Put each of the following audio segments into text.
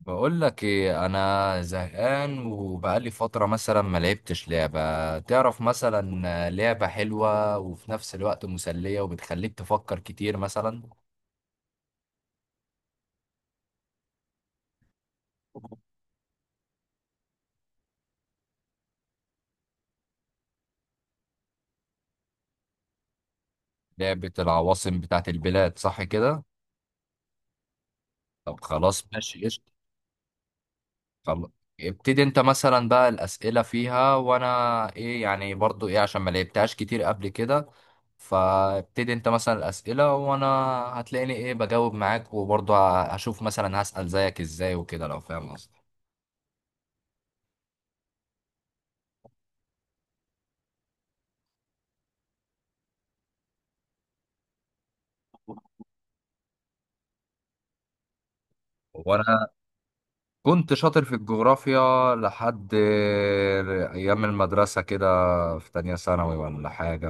بقول لك ايه، انا زهقان وبقالي فتره مثلا ما لعبتش لعبه. تعرف مثلا لعبه حلوه وفي نفس الوقت مسليه وبتخليك تفكر كتير مثلا. لعبه العواصم بتاعت البلاد صح كده؟ طب خلاص ماشي قشطة. خل- ابتدي انت مثلا بقى الاسئله فيها وانا ايه يعني، برضو ايه عشان ما لعبتهاش كتير قبل كده. فابتدي انت مثلا الاسئله وانا هتلاقيني ايه بجاوب معاك، وبرضو هشوف مثلا هسال زيك ازاي وكده لو فاهم قصدي. وانا كنت شاطر في الجغرافيا لحد ايام المدرسه كده، في تانية ثانوي ولا حاجه.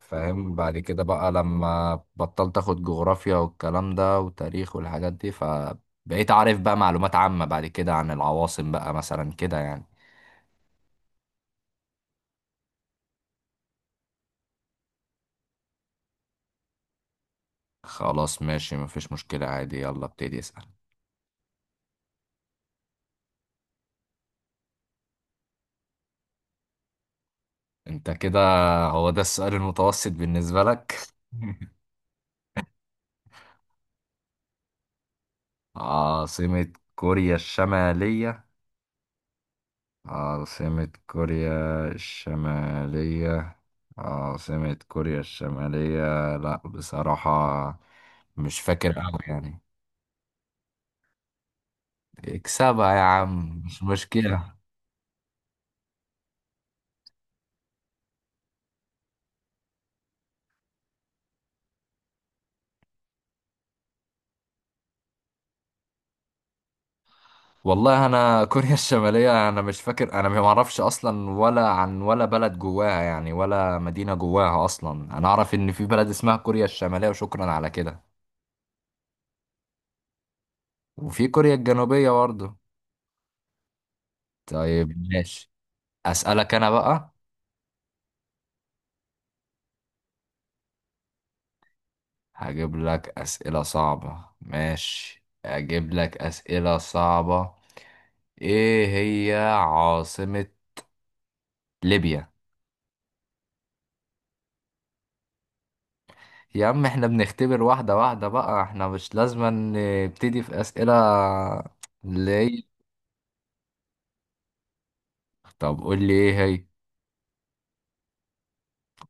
فاهم بعد كده بقى لما بطلت اخد جغرافيا والكلام ده وتاريخ والحاجات دي، فبقيت عارف بقى معلومات عامه بعد كده عن العواصم بقى مثلا كده يعني. خلاص ماشي مفيش مشكله عادي، يلا ابتدي اسال. انت كده هو ده السؤال المتوسط بالنسبه لك؟ عاصمه كوريا الشماليه. عاصمة كوريا الشمالية. عاصمة كوريا الشمالية، لا بصراحة مش فاكر أوي يعني. اكسبها يا عم مش مشكلة. والله أنا كوريا الشمالية أنا مش فاكر، أنا ما أعرفش أصلا ولا عن ولا بلد جواها يعني، ولا مدينة جواها أصلا. أنا أعرف إن في بلد اسمها كوريا الشمالية وشكرا على كده. وفي كوريا الجنوبية برضه. طيب ماشي. أسألك أنا بقى. هجيب لك أسئلة صعبة، ماشي هجيب لك أسئلة صعبة. إيه هي عاصمة ليبيا؟ يا عم احنا بنختبر واحدة واحدة بقى، احنا مش لازم نبتدي في أسئلة اللي هي. طب قول لي إيه هي.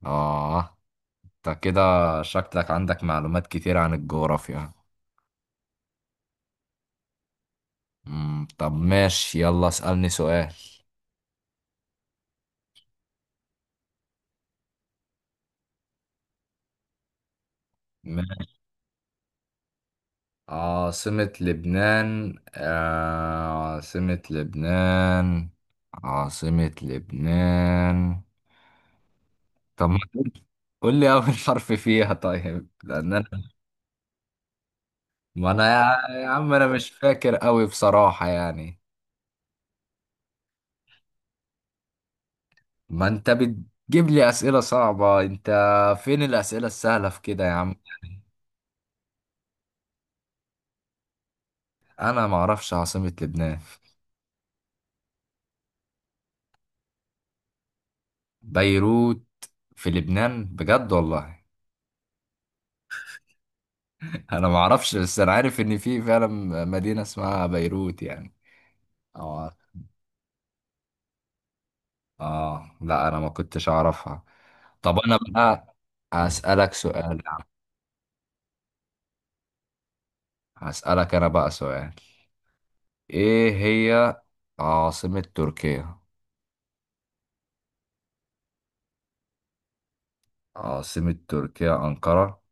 آه، انت كده شكلك عندك معلومات كتير عن الجغرافيا. طب ماشي يلا اسألني سؤال. عاصمة لبنان، آه عاصمة لبنان. عاصمة لبنان. طب ما قول لي أول حرف فيها طيب، لأن أنا، ما أنا يا عم أنا مش فاكر أوي بصراحة يعني. ما أنت بتجيب لي أسئلة صعبة أنت، فين الأسئلة السهلة في كده يا عم يعني. أنا ما أعرفش عاصمة لبنان. بيروت؟ في لبنان بجد والله؟ أنا ما أعرفش، بس أنا عارف إن في فعلا مدينة اسمها بيروت يعني. اه. اه لا انا ما كنتش اعرفها. طب انا بقى هسألك سؤال يا عم. هسألك انا بقى سؤال. ايه هي عاصمة تركيا؟ عاصمة تركيا أنقرة؟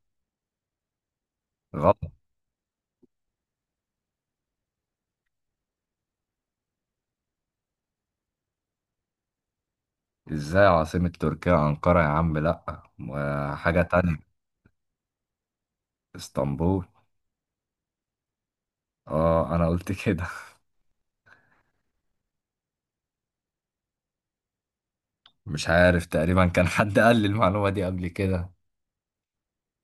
غلط. ازاي عاصمة تركيا أنقرة يا عم، لا ما حاجة تانية. اسطنبول. اه انا قلت كده. مش عارف تقريبا كان حد قال لي المعلومة دي قبل كده،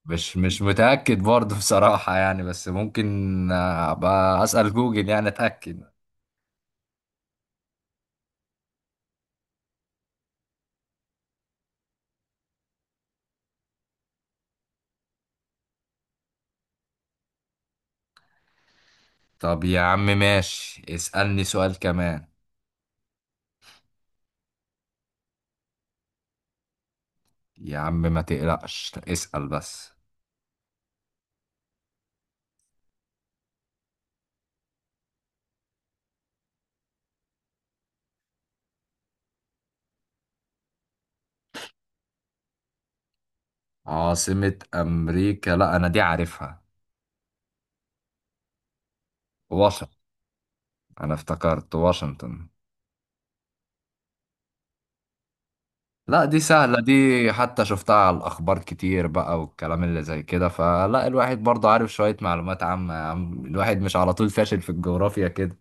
مش متأكد برضه بصراحة يعني بس ممكن. ابقى أسأل جوجل يعني أتأكد. طب يا عم ماشي، اسألني سؤال كمان. يا عم ما تقلقش اسأل بس. عاصمة أمريكا؟ لا أنا دي عارفها. واشنطن. أنا افتكرت واشنطن. لا دي سهلة دي، حتى شفتها على الأخبار كتير بقى والكلام اللي زي كده، فلا الواحد برضه عارف شوية معلومات عامة يا عم، الواحد مش على طول فاشل في الجغرافيا كده.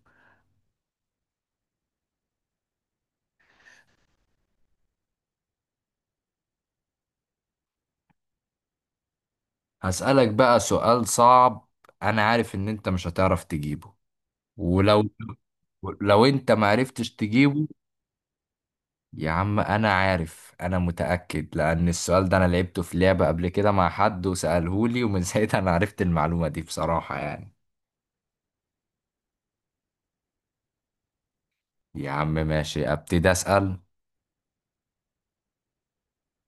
هسألك بقى سؤال صعب، أنا عارف إن أنت مش هتعرف تجيبه. ولو، لو أنت معرفتش تجيبه. يا عم انا عارف، انا متأكد لان السؤال ده انا لعبته في لعبة قبل كده مع حد وسألهولي، ومن ساعتها انا عرفت المعلومة دي بصراحة يعني. يا عم ماشي ابتدي اسأل.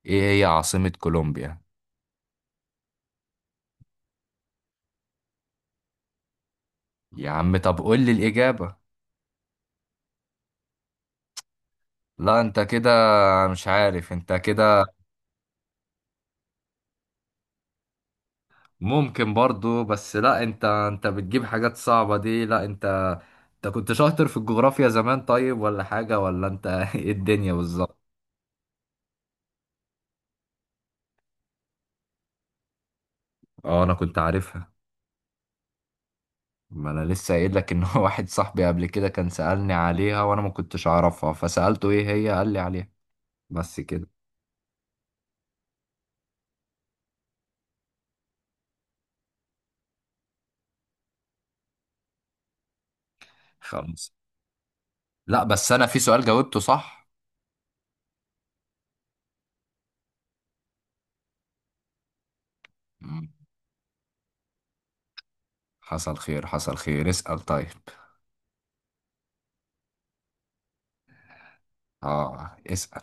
ايه هي عاصمة كولومبيا؟ يا عم طب قول لي الإجابة. لا انت كده، مش عارف انت كده. ممكن برضو، بس لا انت، انت بتجيب حاجات صعبة دي، لا انت، انت كنت شاطر في الجغرافيا زمان طيب ولا حاجة، ولا انت ايه الدنيا بالظبط. اه انا كنت عارفها. ما انا لسه قايل لك ان هو واحد صاحبي قبل كده كان سألني عليها وانا ما كنتش اعرفها، فسألته ايه هي قال لي عليها. بس كده. خلاص. لا بس انا في سؤال جاوبته صح. مم. حصل خير حصل خير، اسأل طيب. اه اسأل.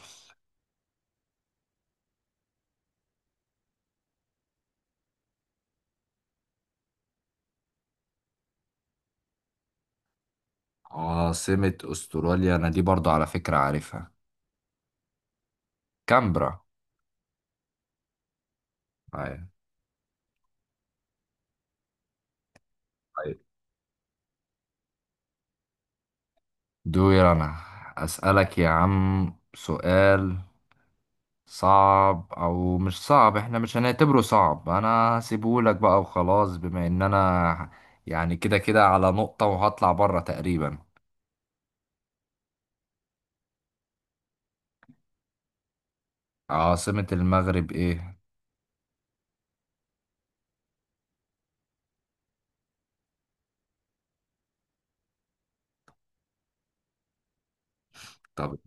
عاصمة استراليا، انا دي برضو على فكرة عارفها. كامبرا. أيوة. طيب. دور انا. اسألك يا عم سؤال صعب او مش صعب، احنا مش هنعتبره صعب، انا هسيبهولك بقى وخلاص، بما ان انا يعني كده كده على نقطة وهطلع بره تقريبا. عاصمة المغرب ايه؟ طب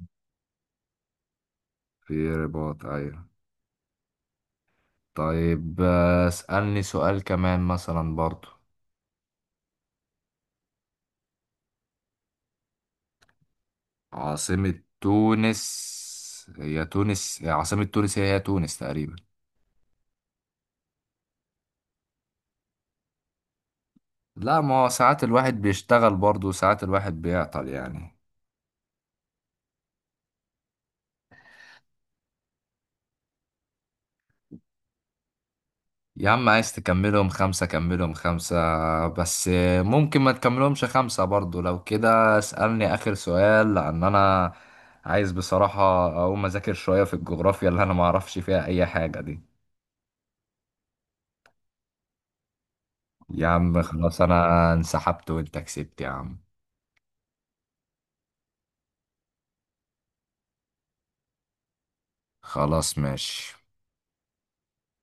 في رباط، ايوه. طيب اسألني سؤال كمان مثلا برضو. عاصمة تونس؟ هي تونس، عاصمة تونس هي، هي تونس تقريبا. لا ما هو ساعات الواحد بيشتغل برضو، ساعات الواحد بيعطل يعني. يا عم عايز تكملهم خمسة كملهم خمسة، بس ممكن ما تكملهمش خمسة برضو. لو كده اسألني آخر سؤال، لأن أنا عايز بصراحة أقوم أذاكر شوية في الجغرافيا اللي أنا معرفش فيها أي حاجة دي. يا عم خلاص أنا انسحبت وأنت كسبت يا عم. خلاص ماشي.